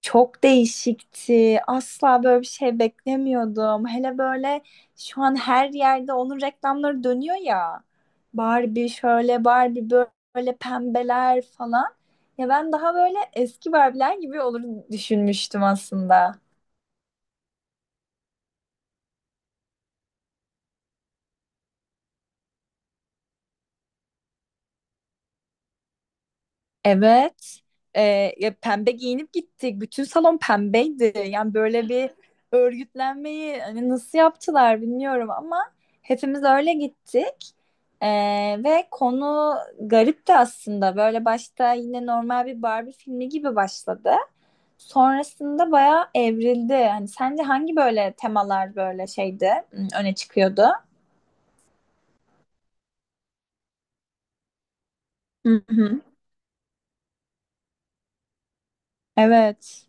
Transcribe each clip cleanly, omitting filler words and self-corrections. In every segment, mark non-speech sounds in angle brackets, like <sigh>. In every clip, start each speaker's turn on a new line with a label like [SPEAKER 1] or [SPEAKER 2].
[SPEAKER 1] Çok değişikti. Asla böyle bir şey beklemiyordum. Hele böyle şu an her yerde onun reklamları dönüyor ya. Barbie şöyle, Barbie böyle pembeler falan. Ya ben daha böyle eski Barbie'ler gibi olur düşünmüştüm aslında. Evet. Ya pembe giyinip gittik. Bütün salon pembeydi. Yani böyle bir örgütlenmeyi hani nasıl yaptılar bilmiyorum ama hepimiz öyle gittik. Ee, Ve konu garipti aslında. Böyle başta yine normal bir Barbie filmi gibi başladı. Sonrasında bayağı evrildi. Hani sence hangi böyle temalar böyle şeydi, öne çıkıyordu? Hı hı. Evet.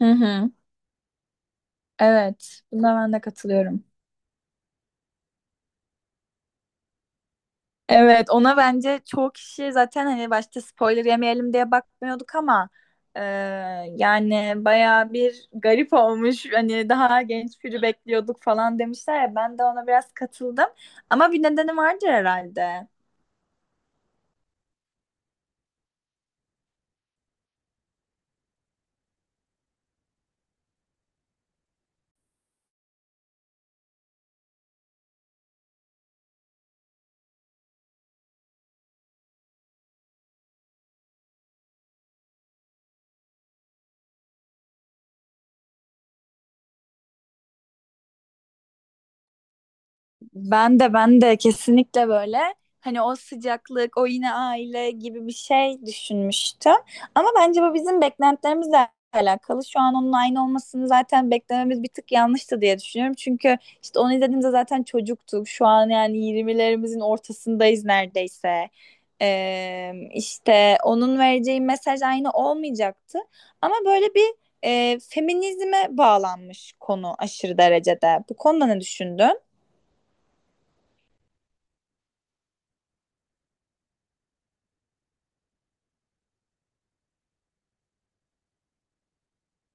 [SPEAKER 1] Hı hı. Evet, buna ben de katılıyorum. Evet, ona bence çoğu kişi zaten hani başta spoiler yemeyelim diye bakmıyorduk ama e, yani baya bir garip olmuş. Hani daha genç biri bekliyorduk falan demişler ya ben de ona biraz katıldım. Ama bir nedeni vardır herhalde. Ben de kesinlikle böyle hani o sıcaklık, o yine aile gibi bir şey düşünmüştüm. Ama bence bu bizim beklentilerimizle alakalı. Şu an onun aynı olmasını zaten beklememiz bir tık yanlıştı diye düşünüyorum. Çünkü işte onu izlediğimde zaten çocuktuk. Şu an yani 20'lerimizin ortasındayız neredeyse. İşte onun vereceği mesaj aynı olmayacaktı. Ama böyle bir feminizme bağlanmış konu aşırı derecede. Bu konuda ne düşündün?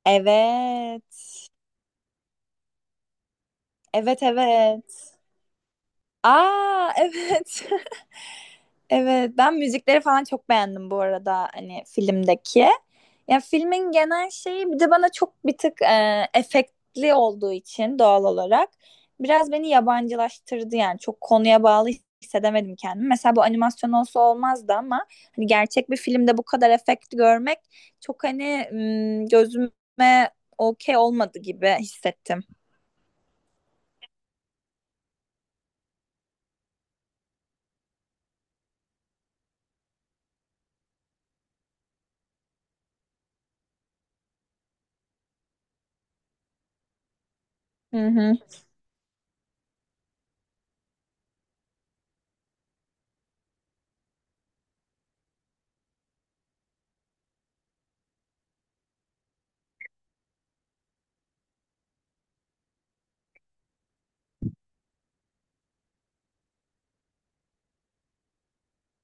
[SPEAKER 1] Evet. Evet, evet. Aa, evet. <laughs> Evet, ben müzikleri falan çok beğendim bu arada hani filmdeki. Ya filmin genel şeyi bir de bana çok bir tık efektli olduğu için doğal olarak biraz beni yabancılaştırdı, yani çok konuya bağlı hissedemedim kendimi. Mesela bu animasyon olsa olmazdı ama hani gerçek bir filmde bu kadar efekt görmek çok hani gözüme okey olmadı gibi hissettim. Hı hı.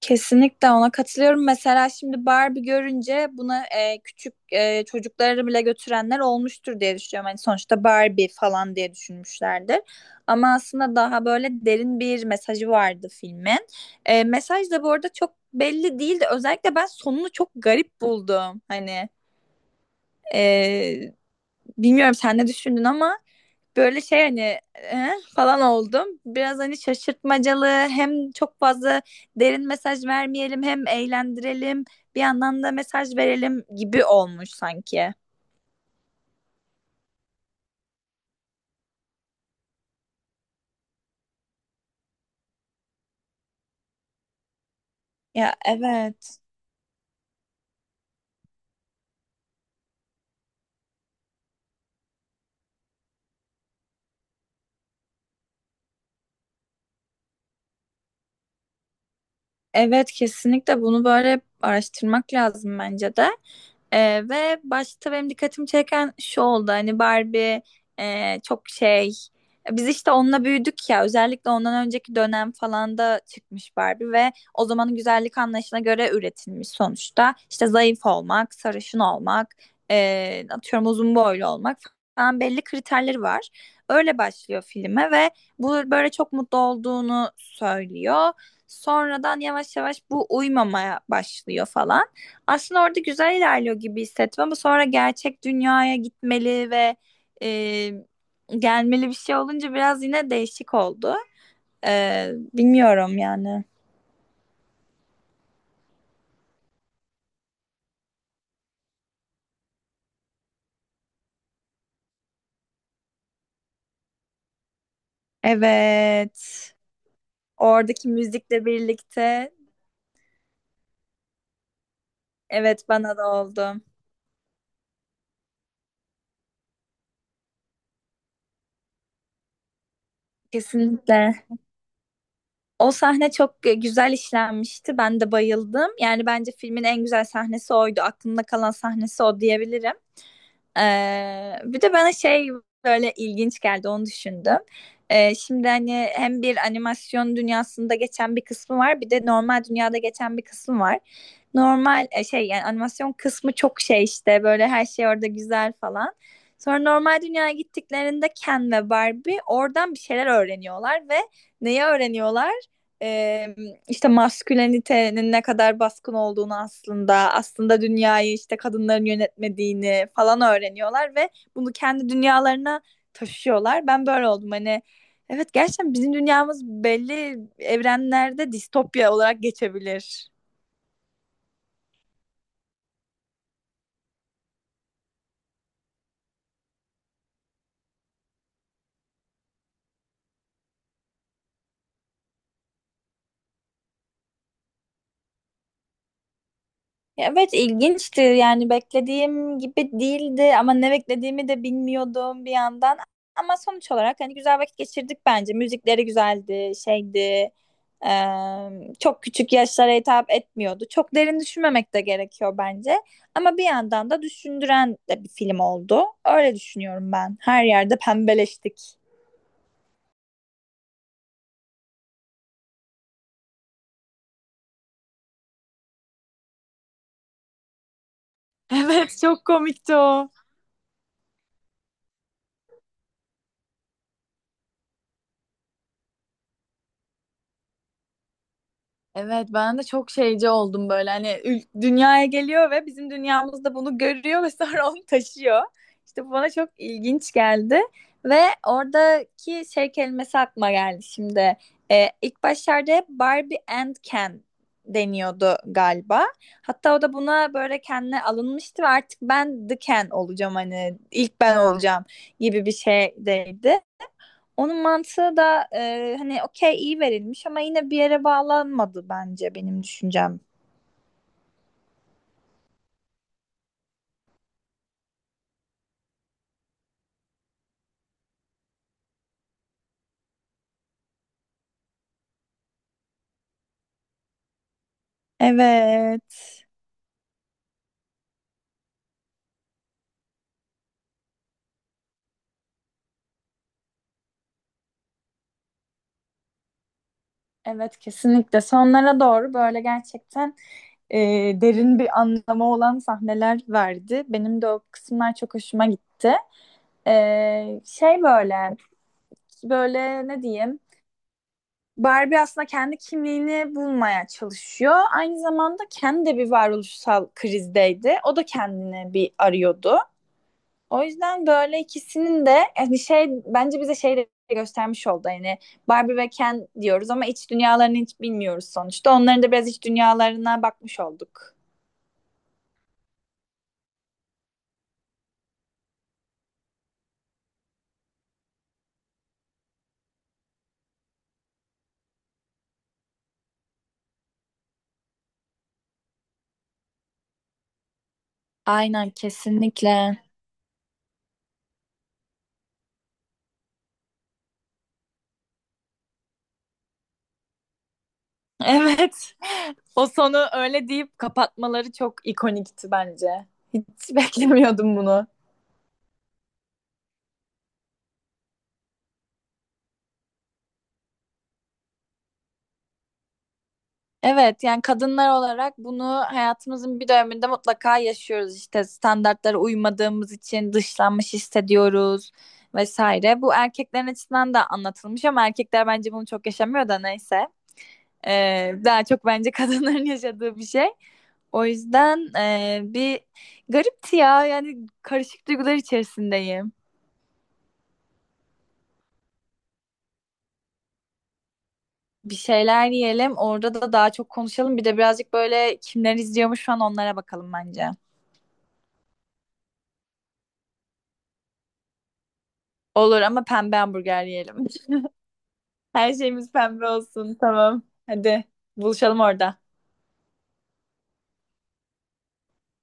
[SPEAKER 1] Kesinlikle ona katılıyorum. Mesela şimdi Barbie görünce buna küçük çocukları bile götürenler olmuştur diye düşünüyorum. Hani sonuçta Barbie falan diye düşünmüşlerdir. Ama aslında daha böyle derin bir mesajı vardı filmin. Mesaj da bu arada çok belli değildi. Özellikle ben sonunu çok garip buldum. Hani e, bilmiyorum sen ne düşündün ama. Böyle şey hani "Eh?" falan oldum. Biraz hani şaşırtmacalı, hem çok fazla derin mesaj vermeyelim hem eğlendirelim bir yandan da mesaj verelim gibi olmuş sanki. Ya, evet. Evet, kesinlikle bunu böyle araştırmak lazım bence de. Ve başta benim dikkatimi çeken şu oldu hani Barbie e, çok şey biz işte onunla büyüdük ya, özellikle ondan önceki dönem falan da çıkmış Barbie ve o zamanın güzellik anlayışına göre üretilmiş sonuçta. İşte zayıf olmak, sarışın olmak, atıyorum uzun boylu olmak falan, belli kriterleri var. Öyle başlıyor filme ve bu böyle çok mutlu olduğunu söylüyor. Sonradan yavaş yavaş bu uyumamaya başlıyor falan. Aslında orada güzel ilerliyor gibi hissettim ama sonra gerçek dünyaya gitmeli ve e, gelmeli bir şey olunca biraz yine değişik oldu. Bilmiyorum yani. Evet. Oradaki müzikle birlikte evet, bana da oldu. Kesinlikle. O sahne çok güzel işlenmişti. Ben de bayıldım. Yani bence filmin en güzel sahnesi oydu. Aklımda kalan sahnesi o diyebilirim. Bir de bana şey böyle ilginç geldi, onu düşündüm. Şimdi hani hem bir animasyon dünyasında geçen bir kısmı var bir de normal dünyada geçen bir kısmı var. Normal yani animasyon kısmı çok şey işte böyle her şey orada güzel falan. Sonra normal dünyaya gittiklerinde Ken ve Barbie oradan bir şeyler öğreniyorlar ve neyi öğreniyorlar? İşte maskülenitenin ne kadar baskın olduğunu, aslında dünyayı işte kadınların yönetmediğini falan öğreniyorlar ve bunu kendi dünyalarına taşıyorlar. Ben böyle oldum, hani evet, gerçekten bizim dünyamız belli evrenlerde distopya olarak geçebilir. Ya, evet, ilginçti yani, beklediğim gibi değildi ama ne beklediğimi de bilmiyordum bir yandan. Ama sonuç olarak hani güzel vakit geçirdik, bence müzikleri güzeldi, şeydi, çok küçük yaşlara hitap etmiyordu, çok derin düşünmemek de gerekiyor bence ama bir yandan da düşündüren de bir film oldu, öyle düşünüyorum. Ben her yerde pembeleştik. <laughs> Evet, çok komikti o. Evet, ben de çok şeyci oldum, böyle hani dünyaya geliyor ve bizim dünyamızda bunu görüyor ve <laughs> sonra onu taşıyor. İşte bu bana çok ilginç geldi ve oradaki şey kelimesi aklıma geldi şimdi. İlk başlarda hep "Barbie and Ken" deniyordu galiba. Hatta o da buna böyle kendine alınmıştı ve "Artık ben The Ken olacağım, hani ilk ben olacağım" gibi bir şeydeydi. Onun mantığı da hani okey, iyi verilmiş ama yine bir yere bağlanmadı bence, benim düşüncem. Evet. Evet, kesinlikle. Sonlara doğru böyle gerçekten e, derin bir anlamı olan sahneler verdi. Benim de o kısımlar çok hoşuma gitti. E, şey böyle böyle ne diyeyim? Barbie aslında kendi kimliğini bulmaya çalışıyor. Aynı zamanda kendi de bir varoluşsal krizdeydi. O da kendini bir arıyordu. O yüzden böyle ikisinin de e, bir şey bence bize şey de göstermiş oldu. Yani Barbie ve Ken diyoruz ama iç dünyalarını hiç bilmiyoruz sonuçta. Onların da biraz iç dünyalarına bakmış olduk. Aynen, kesinlikle. Evet. <laughs> O sonu öyle deyip kapatmaları çok ikonikti bence. Hiç beklemiyordum bunu. Evet, yani kadınlar olarak bunu hayatımızın bir döneminde mutlaka yaşıyoruz, işte standartlara uymadığımız için dışlanmış hissediyoruz vesaire. Bu erkeklerin açısından da anlatılmış ama erkekler bence bunu çok yaşamıyor da, neyse. Daha çok bence kadınların <laughs> yaşadığı bir şey. O yüzden bir garipti ya, yani karışık duygular içerisindeyim. Bir şeyler yiyelim, orada da daha çok konuşalım, bir de birazcık böyle kimler izliyormuş şu an, onlara bakalım bence. Olur ama pembe hamburger yiyelim. Her şeyimiz pembe olsun. Tamam. Hadi, buluşalım orada.